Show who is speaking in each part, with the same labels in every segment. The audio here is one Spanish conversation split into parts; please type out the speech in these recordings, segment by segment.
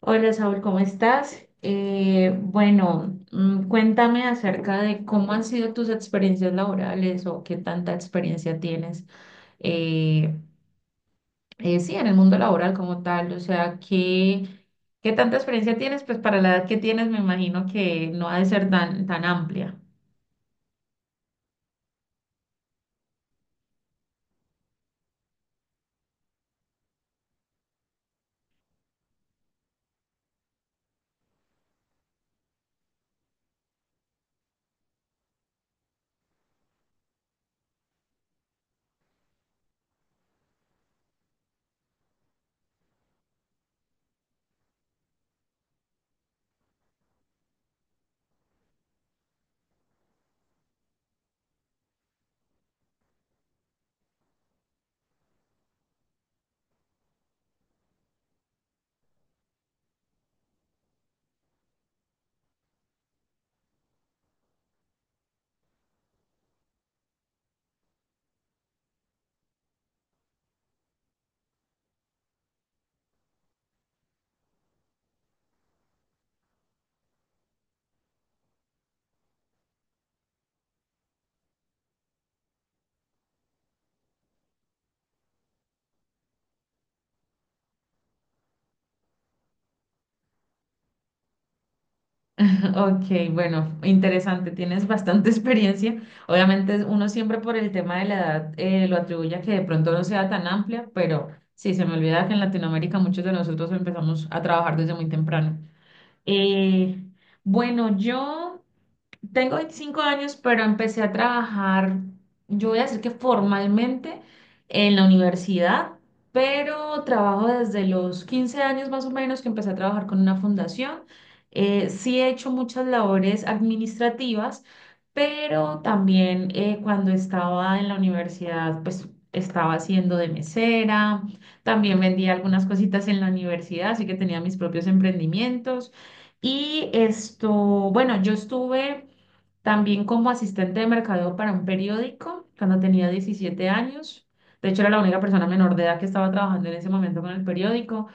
Speaker 1: Hola Saúl, ¿cómo estás? Bueno, cuéntame acerca de cómo han sido tus experiencias laborales o qué tanta experiencia tienes, eh, sí, en el mundo laboral como tal, o sea, ¿qué tanta experiencia tienes? Pues para la edad que tienes me imagino que no ha de ser tan, tan amplia. Ok, bueno, interesante, tienes bastante experiencia. Obviamente uno siempre por el tema de la edad lo atribuye a que de pronto no sea tan amplia, pero sí, se me olvida que en Latinoamérica muchos de nosotros empezamos a trabajar desde muy temprano. Eh, bueno, yo tengo 25 años, pero empecé a trabajar, yo voy a decir que formalmente en la universidad, pero trabajo desde los 15 años más o menos que empecé a trabajar con una fundación. Sí he hecho muchas labores administrativas, pero también cuando estaba en la universidad, pues estaba haciendo de mesera, también vendía algunas cositas en la universidad, así que tenía mis propios emprendimientos. Y esto, bueno, yo estuve. También como asistente de mercadeo para un periódico cuando tenía 17 años. De hecho, era la única persona menor de edad que estaba trabajando en ese momento con el periódico.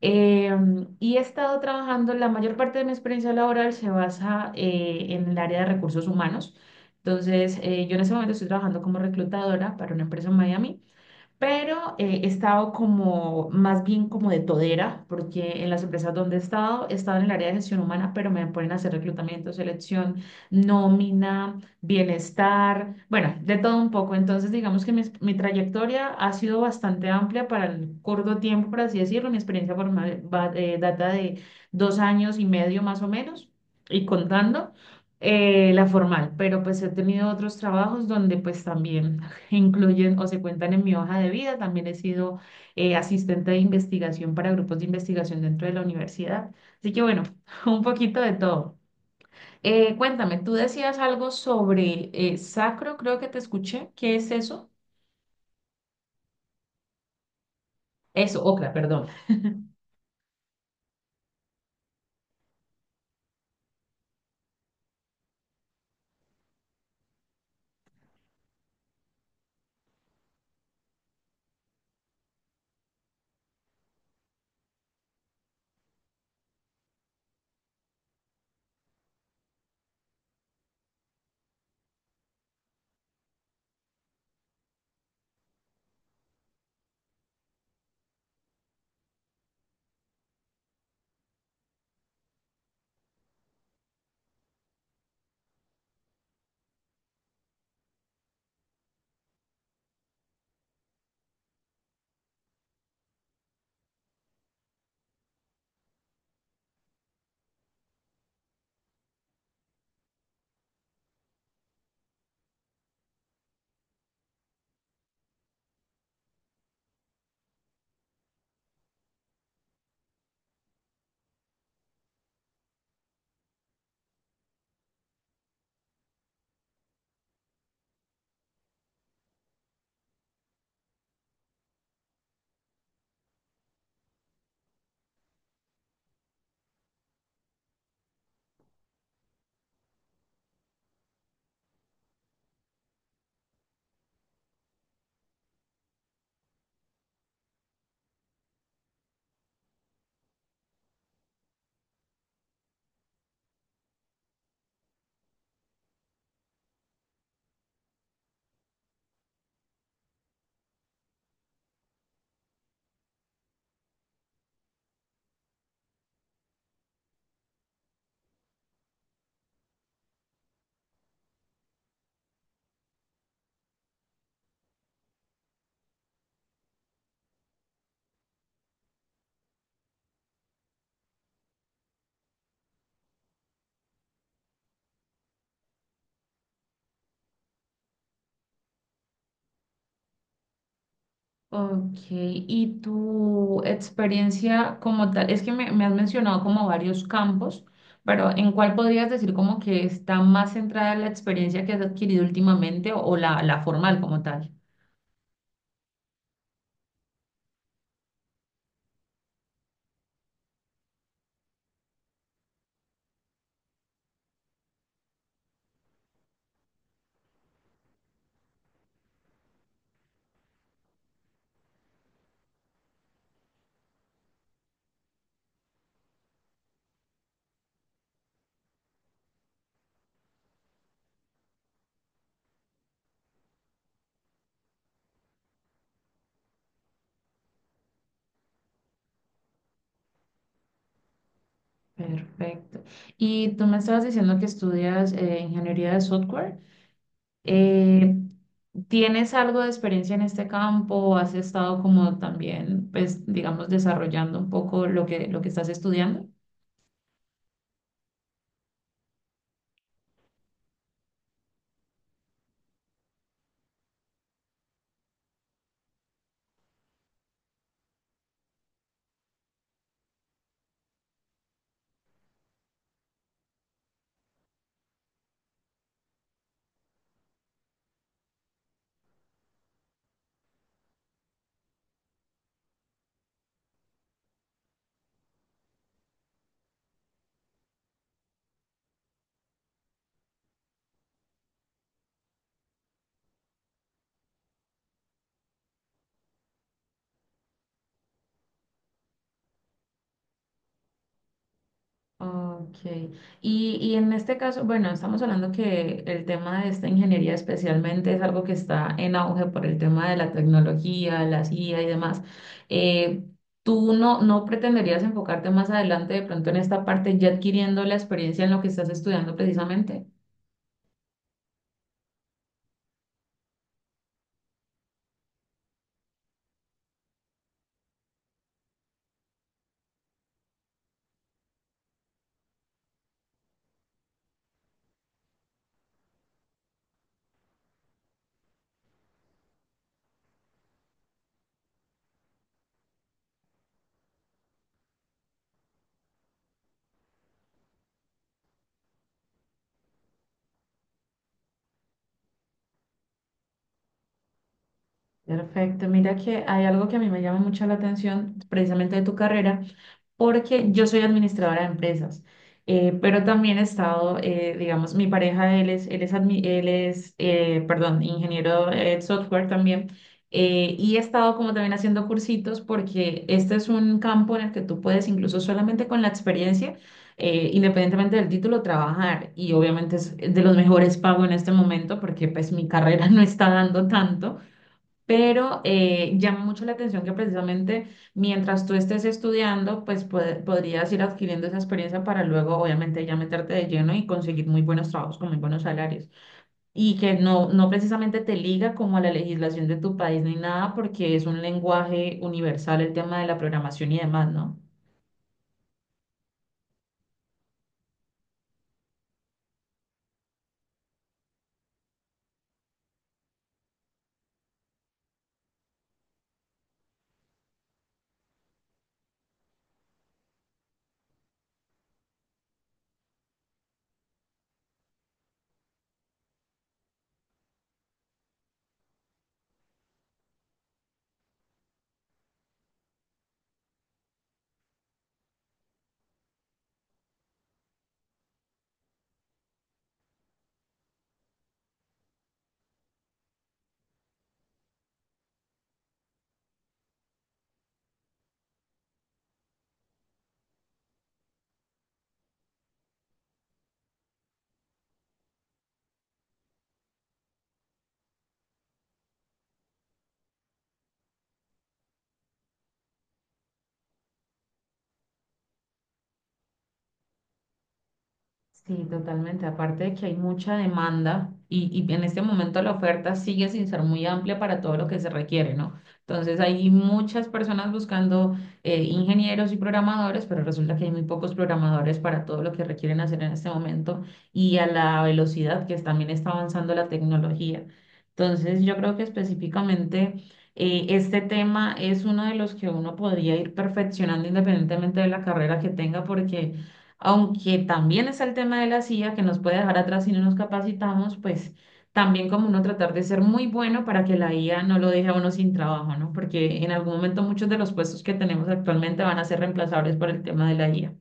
Speaker 1: Y he estado trabajando, la mayor parte de mi experiencia laboral se basa en el área de recursos humanos. Entonces, yo en ese momento estoy trabajando como reclutadora para una empresa en Miami, pero he estado como más bien como de todera, porque en las empresas donde he estado en el área de gestión humana, pero me ponen a hacer reclutamiento, selección, nómina, bienestar, bueno, de todo un poco. Entonces, digamos que mi trayectoria ha sido bastante amplia para el corto tiempo, por así decirlo. Mi experiencia formal data de 2 años y medio más o menos, y contando la formal, pero pues he tenido otros trabajos donde pues también incluyen o se cuentan en mi hoja de vida. También he sido asistente de investigación para grupos de investigación dentro de la universidad. Así que bueno, un poquito de todo. Cuéntame, tú decías algo sobre sacro, creo que te escuché. ¿Qué es eso? Eso, ocra, perdón. Ok, y tu experiencia como tal, es que me has mencionado como varios campos, pero ¿en cuál podrías decir como que está más centrada la experiencia que has adquirido últimamente o la formal como tal? Perfecto. Y tú me estabas diciendo que estudias ingeniería de software. Eh, ¿Tienes algo de experiencia en este campo? ¿O has estado como también, pues, digamos, desarrollando un poco lo que estás estudiando? Ok. Y en este caso, bueno, estamos hablando que el tema de esta ingeniería especialmente es algo que está en auge por el tema de la tecnología, la IA y demás. Eh, ¿Tú no pretenderías enfocarte más adelante de pronto en esta parte ya adquiriendo la experiencia en lo que estás estudiando precisamente? Perfecto, mira que hay algo que a mí me llama mucho la atención precisamente de tu carrera porque yo soy administradora de empresas, pero también he estado, digamos, mi pareja, él es perdón, ingeniero de software también, y he estado como también haciendo cursitos porque este es un campo en el que tú puedes incluso solamente con la experiencia, independientemente del título, trabajar y obviamente es de los mejores pagos en este momento porque pues mi carrera no está dando tanto. Pero llama mucho la atención que precisamente mientras tú estés estudiando, pues podrías ir adquiriendo esa experiencia para luego, obviamente, ya meterte de lleno y conseguir muy buenos trabajos con muy buenos salarios. Y que no precisamente te liga como a la legislación de tu país ni nada, porque es un lenguaje universal el tema de la programación y demás, ¿no? Sí, totalmente. Aparte de que hay mucha demanda y en este momento la oferta sigue sin ser muy amplia para todo lo que se requiere, ¿no? Entonces hay muchas personas buscando ingenieros y programadores, pero resulta que hay muy pocos programadores para todo lo que requieren hacer en este momento y a la velocidad que también está avanzando la tecnología. Entonces yo creo que específicamente este tema es uno de los que uno podría ir perfeccionando independientemente de la carrera que tenga porque aunque también es el tema de la CIA que nos puede dejar atrás si no nos capacitamos, pues también como uno tratar de ser muy bueno para que la IA no lo deje a uno sin trabajo, ¿no? Porque en algún momento muchos de los puestos que tenemos actualmente van a ser reemplazables por el tema de la IA.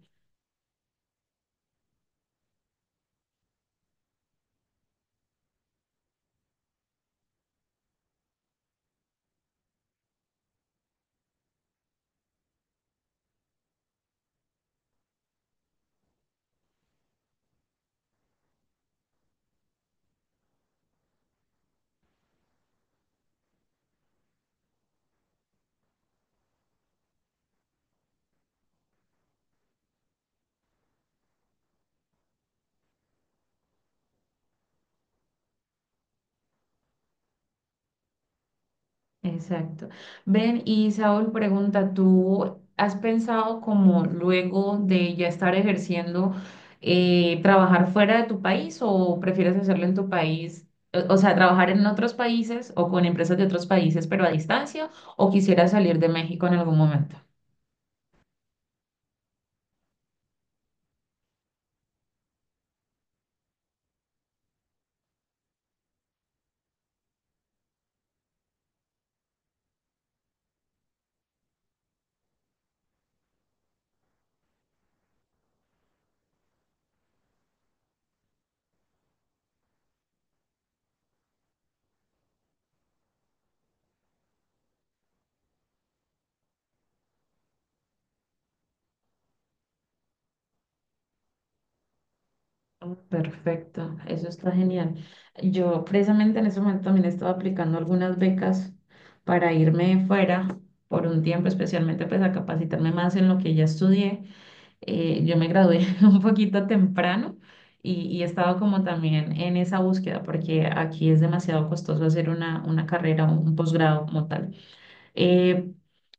Speaker 1: Exacto. Ven, y Saúl pregunta, ¿tú has pensado como luego de ya estar ejerciendo, trabajar fuera de tu país o prefieres hacerlo en tu país? O sea, trabajar en otros países o con empresas de otros países, pero a distancia, o quisieras salir de México en algún momento. Oh, perfecto, eso está genial. Yo precisamente en ese momento también estaba aplicando algunas becas para irme fuera por un tiempo, especialmente pues a capacitarme más en lo que ya estudié. Eh, yo me gradué un poquito temprano y he estado como también en esa búsqueda porque aquí es demasiado costoso hacer una carrera, un posgrado como tal. Eh,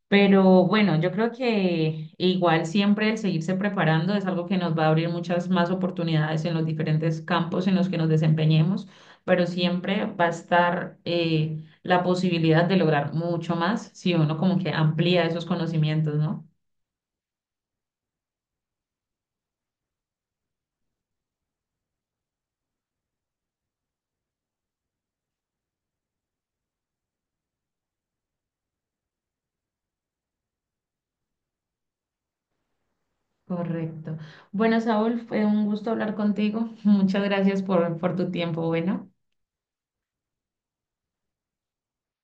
Speaker 1: pero bueno, yo creo que igual siempre el seguirse preparando es algo que nos va a abrir muchas más oportunidades en los diferentes campos en los que nos desempeñemos, pero siempre va a estar la posibilidad de lograr mucho más si uno como que amplía esos conocimientos, ¿no? Correcto. Bueno, Saúl, fue un gusto hablar contigo. Muchas gracias por tu tiempo. Bueno.